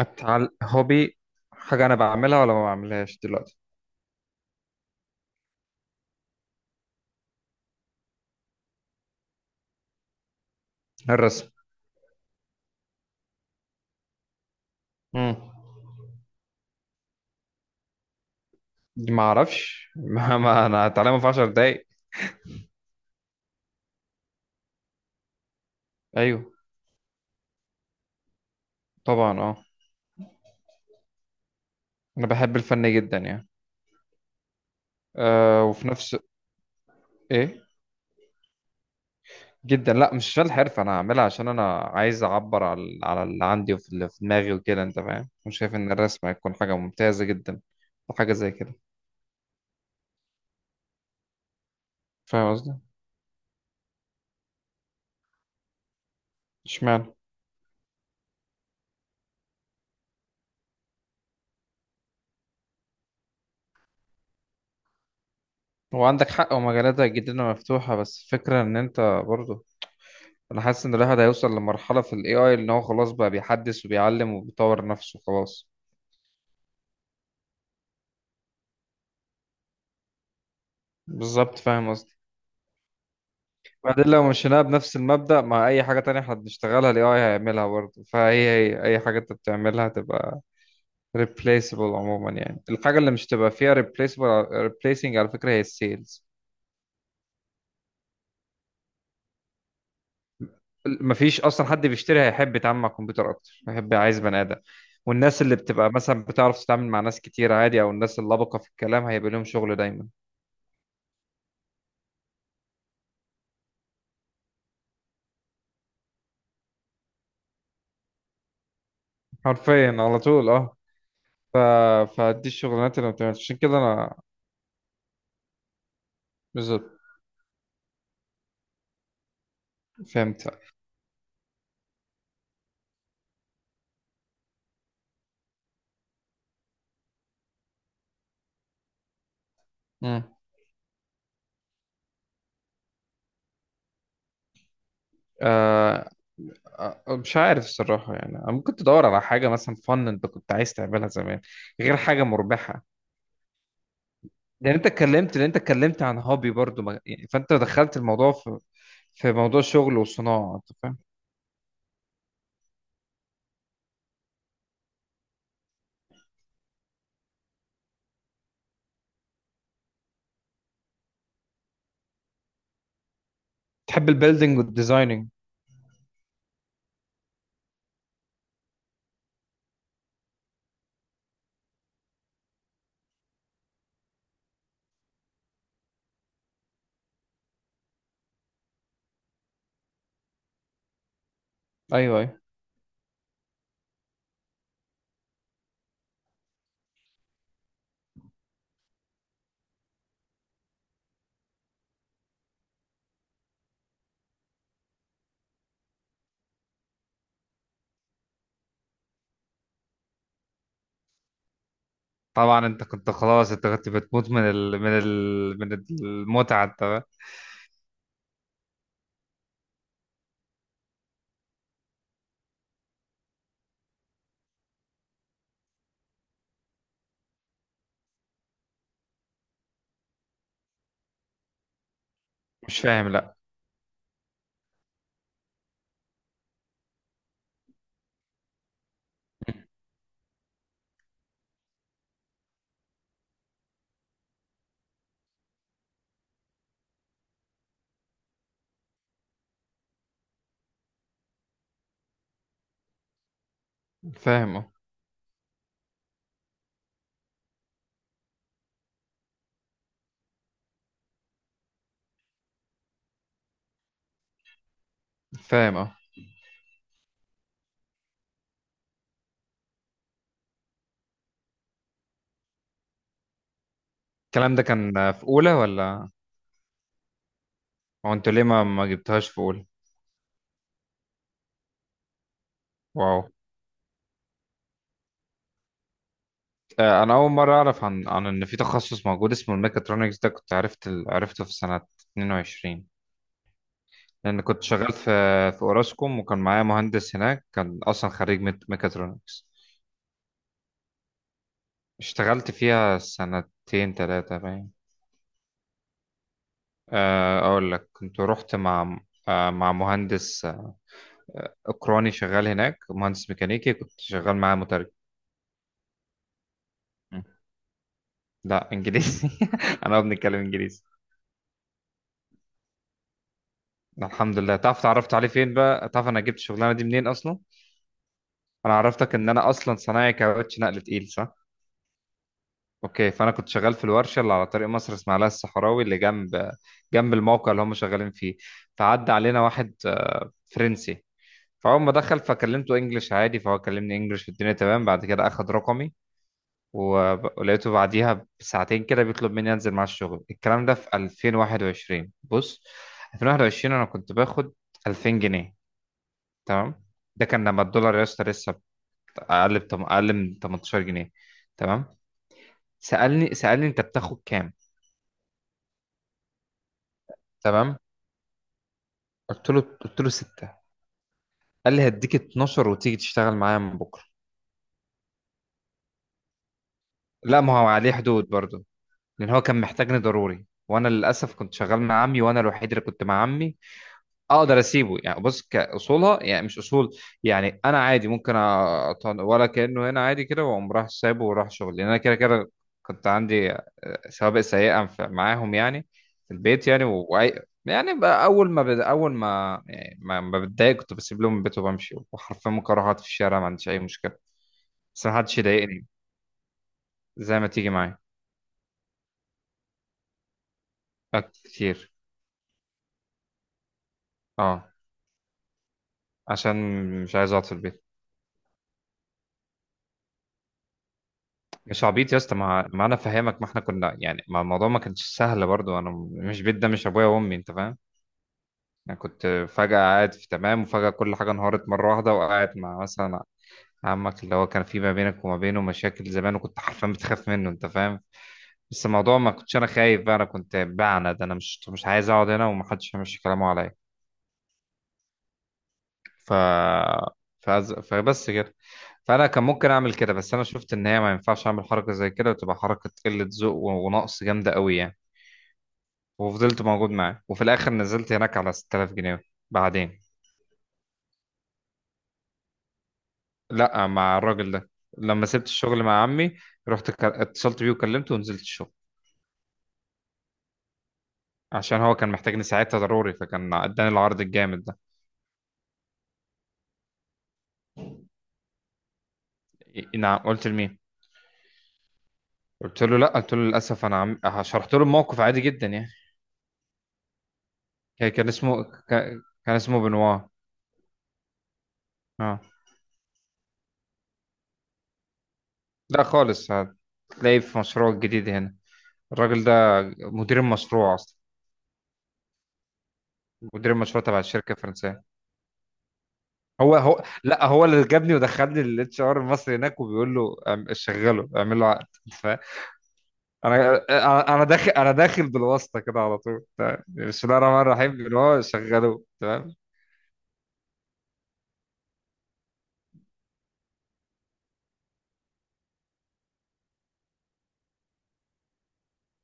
هوبي. حاجة أنا بعملها ولا ما بعملهاش دلوقتي؟ الرسم. مم. ما أعرفش ما أنا هتعلمه في عشر دقايق. أيوه. طبعا، أه. أنا بحب الفن جدا يعني. أه، وفي نفس... إيه. جدا، لا مش عشان الحرفة، أنا هعملها عشان أنا عايز أعبر على على اللي عندي وفي اللي في دماغي وكده. أنت فاهم؟ مش شايف إن الرسم هيكون حاجة ممتازة جدا وحاجة زي كده؟ فاهم قصدي؟ اشمعنى؟ هو عندك حق ومجالاتها جدا مفتوحة، بس الفكرة إن أنت برضه... انا حاسس ان الواحد هيوصل لمرحلة في الاي اي ان هو خلاص بقى بيحدث وبيعلم وبيطور نفسه خلاص. بالظبط، فاهم قصدي. بعدين لو مشيناها بنفس المبدأ مع اي حاجة تانية احنا بنشتغلها، الاي اي هيعملها برضه، فهي هي اي حاجة انت بتعملها تبقى replaceable عموما يعني. الحاجة اللي مش تبقى فيها replaceable replacing على فكرة هي السيلز. مفيش اصلا حد بيشتري هيحب يتعامل مع الكمبيوتر اكتر، هيحب عايز بني ادم. والناس اللي بتبقى مثلا بتعرف تتعامل مع ناس كتير عادي، او الناس اللبقة في الكلام هيبقى لهم شغل دايما. حرفيا على طول، اه. ف... فدي الشغلانات اللي ما بتعملش، عشان كده انا. بالظبط. فهمت. مم. آه... مش عارف الصراحة يعني. ممكن تدور على حاجة مثلا فن انت كنت عايز تعملها زمان، غير حاجة مربحة. لان انت اتكلمت، لان انت اتكلمت عن هوبي برضو يعني، فانت دخلت الموضوع في في موضوع شغل وصناعة، انت فاهم. تحب البيلدينج والديزايننج. ايوه، ايوه. طبعا انت كنت خلاص، انت كنت بتموت من المتعة، انت. مش فاهم، لا. فاهم، اه. فاهم، اه. الكلام ده كان في اولى ولا... هو انتوا ليه ما جبتهاش في اولى؟ واو. انا اول مره اعرف عن عن ان في تخصص موجود اسمه الميكاترونكس. ده كنت عرفت عرفته في سنه 22. لان كنت شغال في في اوراسكوم، وكان معايا مهندس هناك كان اصلا خريج ميكاترونكس. اشتغلت فيها سنتين ثلاثه باين. اقول لك، كنت رحت مع مع مهندس اوكراني شغال هناك، مهندس ميكانيكي كنت شغال معاه مترجم. مم. لا، انجليزي. انا بنتكلم انجليزي. الحمد لله. تعرف اتعرفت عليه فين بقى؟ تعرف انا جبت الشغلانه دي منين اصلا؟ انا عرفتك ان انا اصلا صنايعي كاوتش نقل تقيل، صح؟ اوكي، فانا كنت شغال في الورشه اللي على طريق مصر اسماعيليه الصحراوي، اللي جنب الموقع اللي هم شغالين فيه. فعدى علينا واحد فرنسي. فاول ما دخل فكلمته انجلش عادي، فهو كلمني انجلش والدنيا تمام. بعد كده اخد رقمي، ولقيته بعديها بساعتين كده بيطلب مني انزل مع الشغل. الكلام ده في 2021، بص. 2021 انا كنت باخد 2000 جنيه. تمام. ده كان لما الدولار يا اسطى لسه اقل من 18 جنيه. تمام. سالني انت بتاخد كام. تمام. قلت له 6. قال لي هديك 12 وتيجي تشتغل معايا من بكره. لا، ما هو عليه حدود برضه. لان هو كان محتاجني ضروري، وانا للاسف كنت شغال مع عمي وانا الوحيد اللي كنت مع عمي. اقدر اسيبه يعني؟ بص كاصولها يعني، مش اصول. يعني انا عادي ممكن ولا كانه هنا عادي كده واقوم راح سايبه وراح شغل، لان انا كده كده كنت عندي سوابق سيئه معاهم يعني، في البيت يعني يعني. بقى اول ما يعني ما بتضايق كنت بسيب لهم البيت وبمشي، وحرفيا ممكن اروح اقعد في الشارع ما عنديش اي مشكله. بس ما حدش يضايقني، زي ما تيجي معايا. كتير. اه. عشان مش عايز اقعد في البيت. مش عبيط يا اسطى، ما انا فاهمك. ما احنا كنا يعني، ما الموضوع ما كانش سهل برضو، انا مش بيت ده مش ابويا وامي، انت فاهم. انا كنت فجأة قاعد في تمام، وفجأة كل حاجة انهارت مرة واحدة، وقاعد مع مثلا عمك اللي هو كان في ما بينك وما بينه مشاكل زمان، وكنت حرفيا بتخاف منه، انت فاهم. بس الموضوع ما كنتش انا خايف، بقى انا كنت بعند، انا مش عايز اقعد هنا ومحدش يمشي كلامه عليا. ف فبس كده. فانا كان ممكن اعمل كده، بس انا شفت ان هي ما ينفعش اعمل حركة زي كده، وتبقى حركة قلة ذوق ونقص جامدة قوي يعني. وفضلت موجود معاه، وفي الاخر نزلت هناك على 6000 جنيه. بعدين. لا، مع الراجل ده، لما سبت الشغل مع عمي. اتصلت بيه وكلمته ونزلت الشغل. عشان هو كان محتاجني ساعتها ضروري، فكان اداني العرض الجامد ده. إيه، نعم، قلت لمين؟ قلت له لا، قلت له للاسف. انا شرحت له الموقف عادي جدا يعني. كان اسمه. كان اسمه بنوا. اه. لا، خالص. هتلاقيه في مشروع جديد هنا. الراجل ده مدير المشروع اصلا، مدير المشروع تبع الشركه الفرنسيه. هو لا، هو اللي جابني ودخلني الاتش ار المصري هناك، وبيقول له شغله، اعمل له عقد. فانا. انا داخل بالواسطه كده على طول، تمام، بسم الله الرحمن الرحيم، اللي هو شغله تمام.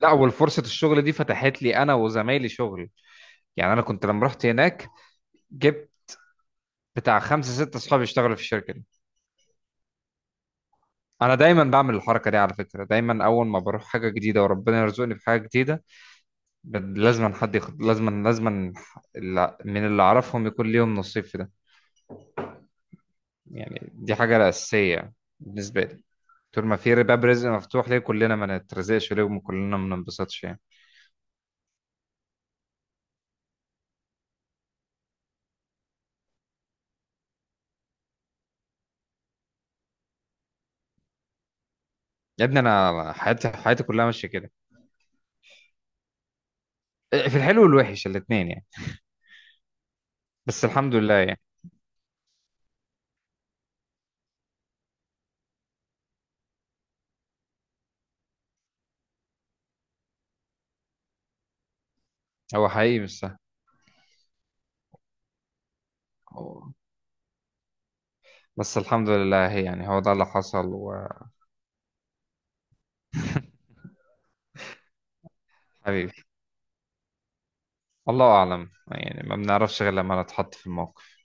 لا، والفرصه الشغل دي فتحت لي انا وزمايلي شغل. يعني انا كنت لما رحت هناك، جبت بتاع خمسه سته اصحابي يشتغلوا في الشركه دي. انا دايما بعمل الحركه دي على فكره، دايما اول ما بروح حاجه جديده وربنا يرزقني في حاجه جديده، لازما حد ياخد، لازما لازما من اللي اعرفهم يكون ليهم نصيب في ده. يعني دي حاجة أساسية بالنسبة لي. طول ما في باب رزق مفتوح ليه، كلنا ما نترزقش ليه وكلنا ما ننبسطش يعني. يا ابني أنا حياتي، حياتي كلها ماشية كده، في الحلو والوحش الاتنين يعني، بس الحمد لله يعني. هو حقيقي مش سهل. هو- بس الحمد لله، هي يعني هو ده اللي حصل. وحبيبي، الله أعلم يعني، ما بنعرفش غير لما نتحط في الموقف.